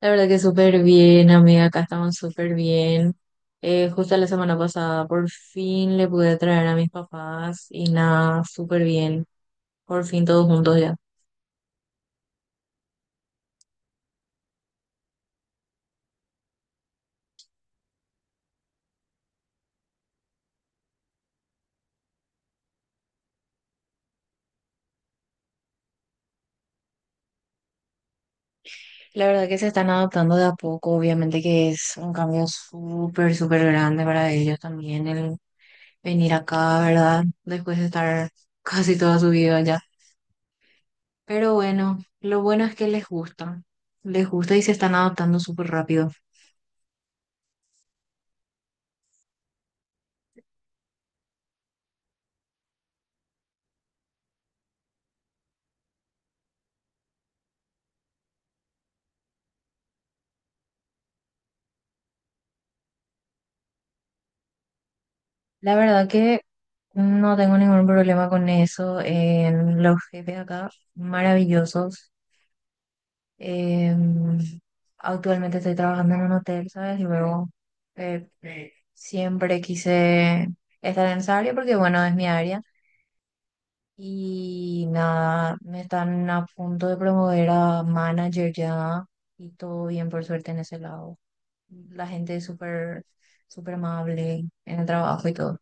La verdad que súper bien, amiga, acá estamos súper bien. Justo la semana pasada por fin le pude traer a mis papás y nada, súper bien, por fin todos juntos ya. La verdad que se están adaptando de a poco, obviamente que es un cambio súper, súper grande para ellos también el venir acá, ¿verdad? Después de estar casi toda su vida allá. Pero bueno, lo bueno es que les gusta y se están adaptando súper rápido. La verdad que no tengo ningún problema con eso en los jefes acá, maravillosos. Em, Actualmente estoy trabajando en un hotel, ¿sabes? Y luego eh, siempre quise estar en esa área porque, bueno, es mi área. Y nada, me están a punto de promover a manager ya y todo bien, por suerte, en ese lado. La gente es súper, súper amable en el trabajo y todo.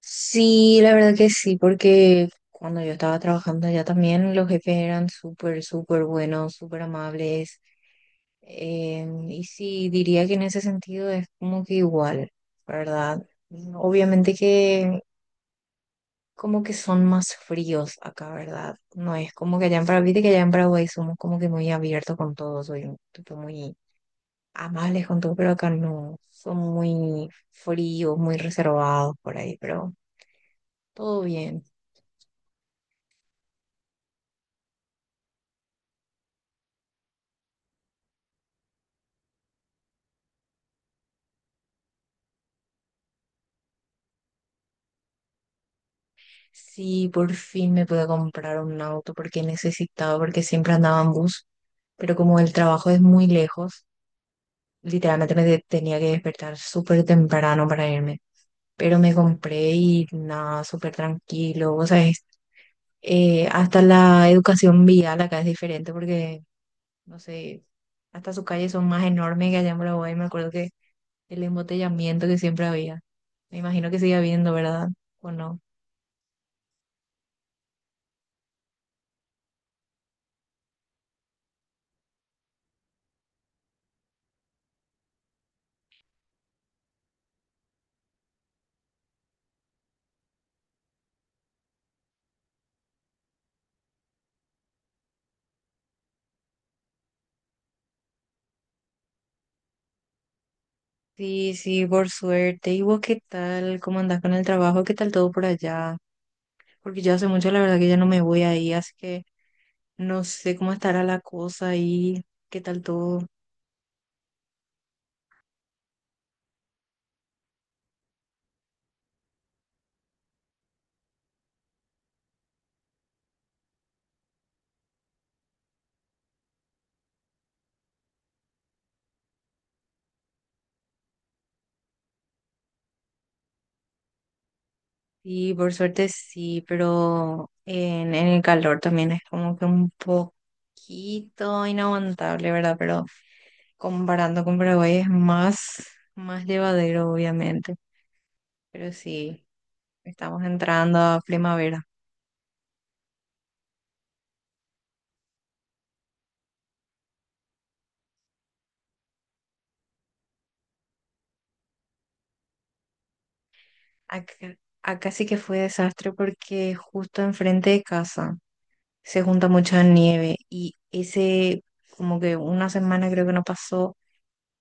Sí, la verdad que sí, porque cuando yo estaba trabajando allá también los jefes eran súper, súper buenos, súper amables. Y sí, diría que en ese sentido es como que igual, ¿verdad? Obviamente que como que son más fríos acá, ¿verdad? No es como que allá en Paraguay, viste que allá en Paraguay somos como que muy abiertos con todos, soy un tipo muy amables con todo, pero acá no, son muy fríos, muy reservados por ahí, pero todo bien. Sí, por fin me pude comprar un auto porque necesitaba, porque siempre andaba en bus, pero como el trabajo es muy lejos, literalmente tenía que despertar súper temprano para irme. Pero me compré y nada, súper tranquilo, o sea, hasta la educación vial acá es diferente porque, no sé, hasta sus calles son más enormes que allá en Paraguay. Me acuerdo que el embotellamiento que siempre había, me imagino que sigue habiendo, ¿verdad? ¿O no? Sí, sí, por suerte. ¿Y vos qué tal? ¿Cómo andás con el trabajo? ¿Qué tal todo por allá? Porque yo hace mucho, la verdad, que ya no me voy ahí, así que no sé cómo estará la cosa ahí. ¿Qué tal todo? Sí, por suerte sí, pero en el calor también es como que un poquito inaguantable, ¿verdad? Pero comparando con Paraguay es más, más llevadero, obviamente. Pero sí, estamos entrando a primavera. Acá, acá sí que fue desastre porque justo enfrente de casa se junta mucha nieve y ese, como que una semana creo que no pasó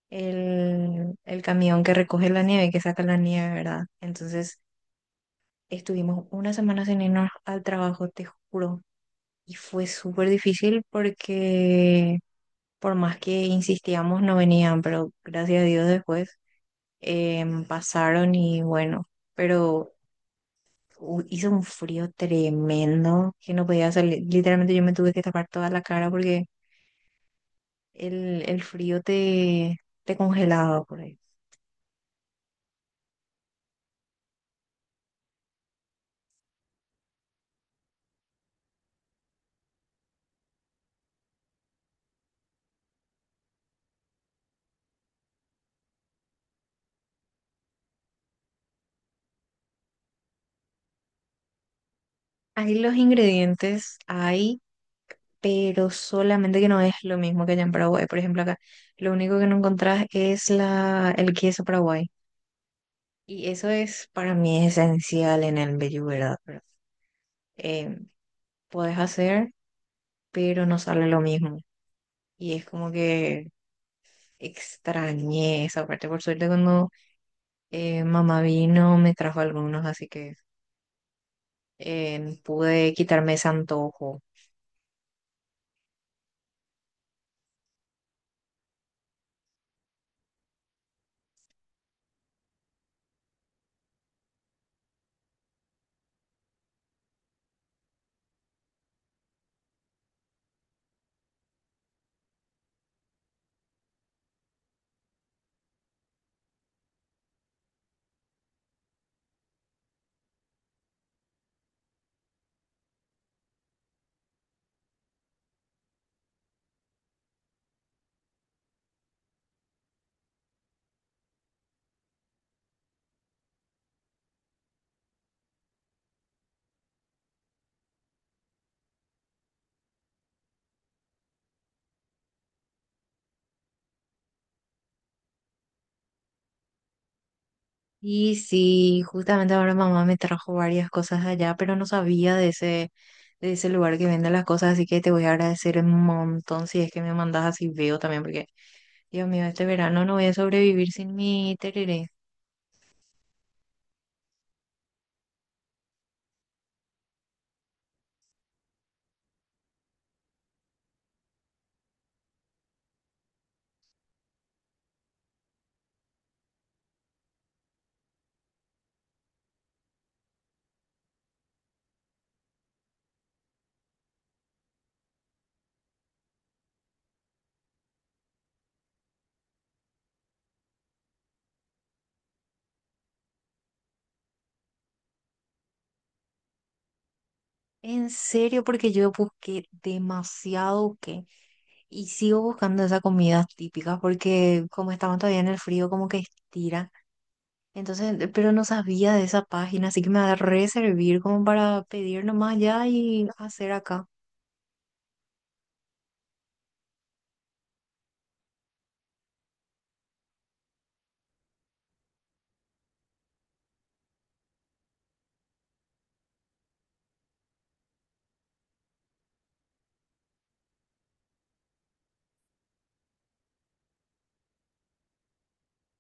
el camión que recoge la nieve, que saca la nieve, ¿verdad? Entonces estuvimos una semana sin irnos al trabajo, te juro, y fue súper difícil porque por más que insistíamos no venían, pero gracias a Dios después pasaron y bueno, pero hizo un frío tremendo que no podía salir. Literalmente yo me tuve que tapar toda la cara porque el frío te congelaba por ahí. Ahí los ingredientes hay, pero solamente que no es lo mismo que allá en Paraguay. Por ejemplo, acá lo único que no encontrás es el queso Paraguay. Y eso es para mí esencial en el Bellu, ¿verdad? Pero, eh, puedes hacer, pero no sale lo mismo. Y es como que extrañé esa parte. Por suerte, cuando mamá vino, me trajo algunos, así que pude quitarme ese antojo. Y sí, justamente ahora mamá me trajo varias cosas allá, pero no sabía de ese lugar que vende las cosas, así que te voy a agradecer un montón si es que me mandas así veo también, porque Dios mío, este verano no voy a sobrevivir sin mi tereré. En serio, porque yo busqué demasiado, busqué. Y sigo buscando esas comidas típicas porque como estaban todavía en el frío, como que estira. Entonces, pero no sabía de esa página, así que me va a reservir como para pedir nomás ya y hacer acá.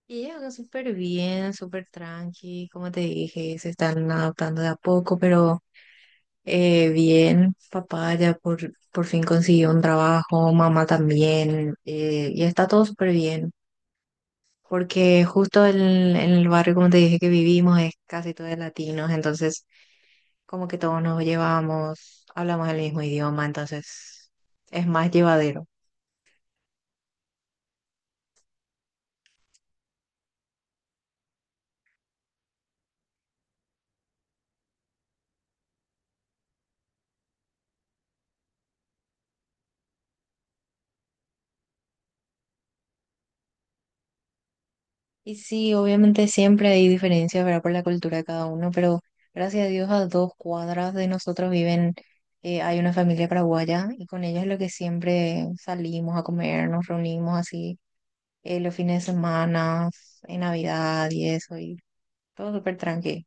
Y ella acá súper bien, súper tranqui, como te dije, se están adaptando de a poco, pero bien, papá ya por fin consiguió un trabajo, mamá también, y está todo súper bien, porque justo en el barrio, como te dije, que vivimos es casi todo de latinos, entonces como que todos nos llevamos, hablamos el mismo idioma, entonces es más llevadero. Y sí, obviamente siempre hay diferencias, ¿verdad? Por la cultura de cada uno, pero gracias a Dios a 2 cuadras de nosotros viven, hay una familia paraguaya y con ellos es lo que siempre salimos a comer, nos reunimos así los fines de semana, en Navidad y eso, y todo súper tranqui.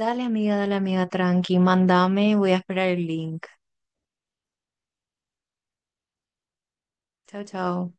Dale amiga, tranqui, mandame, voy a esperar el link. Chao, chao.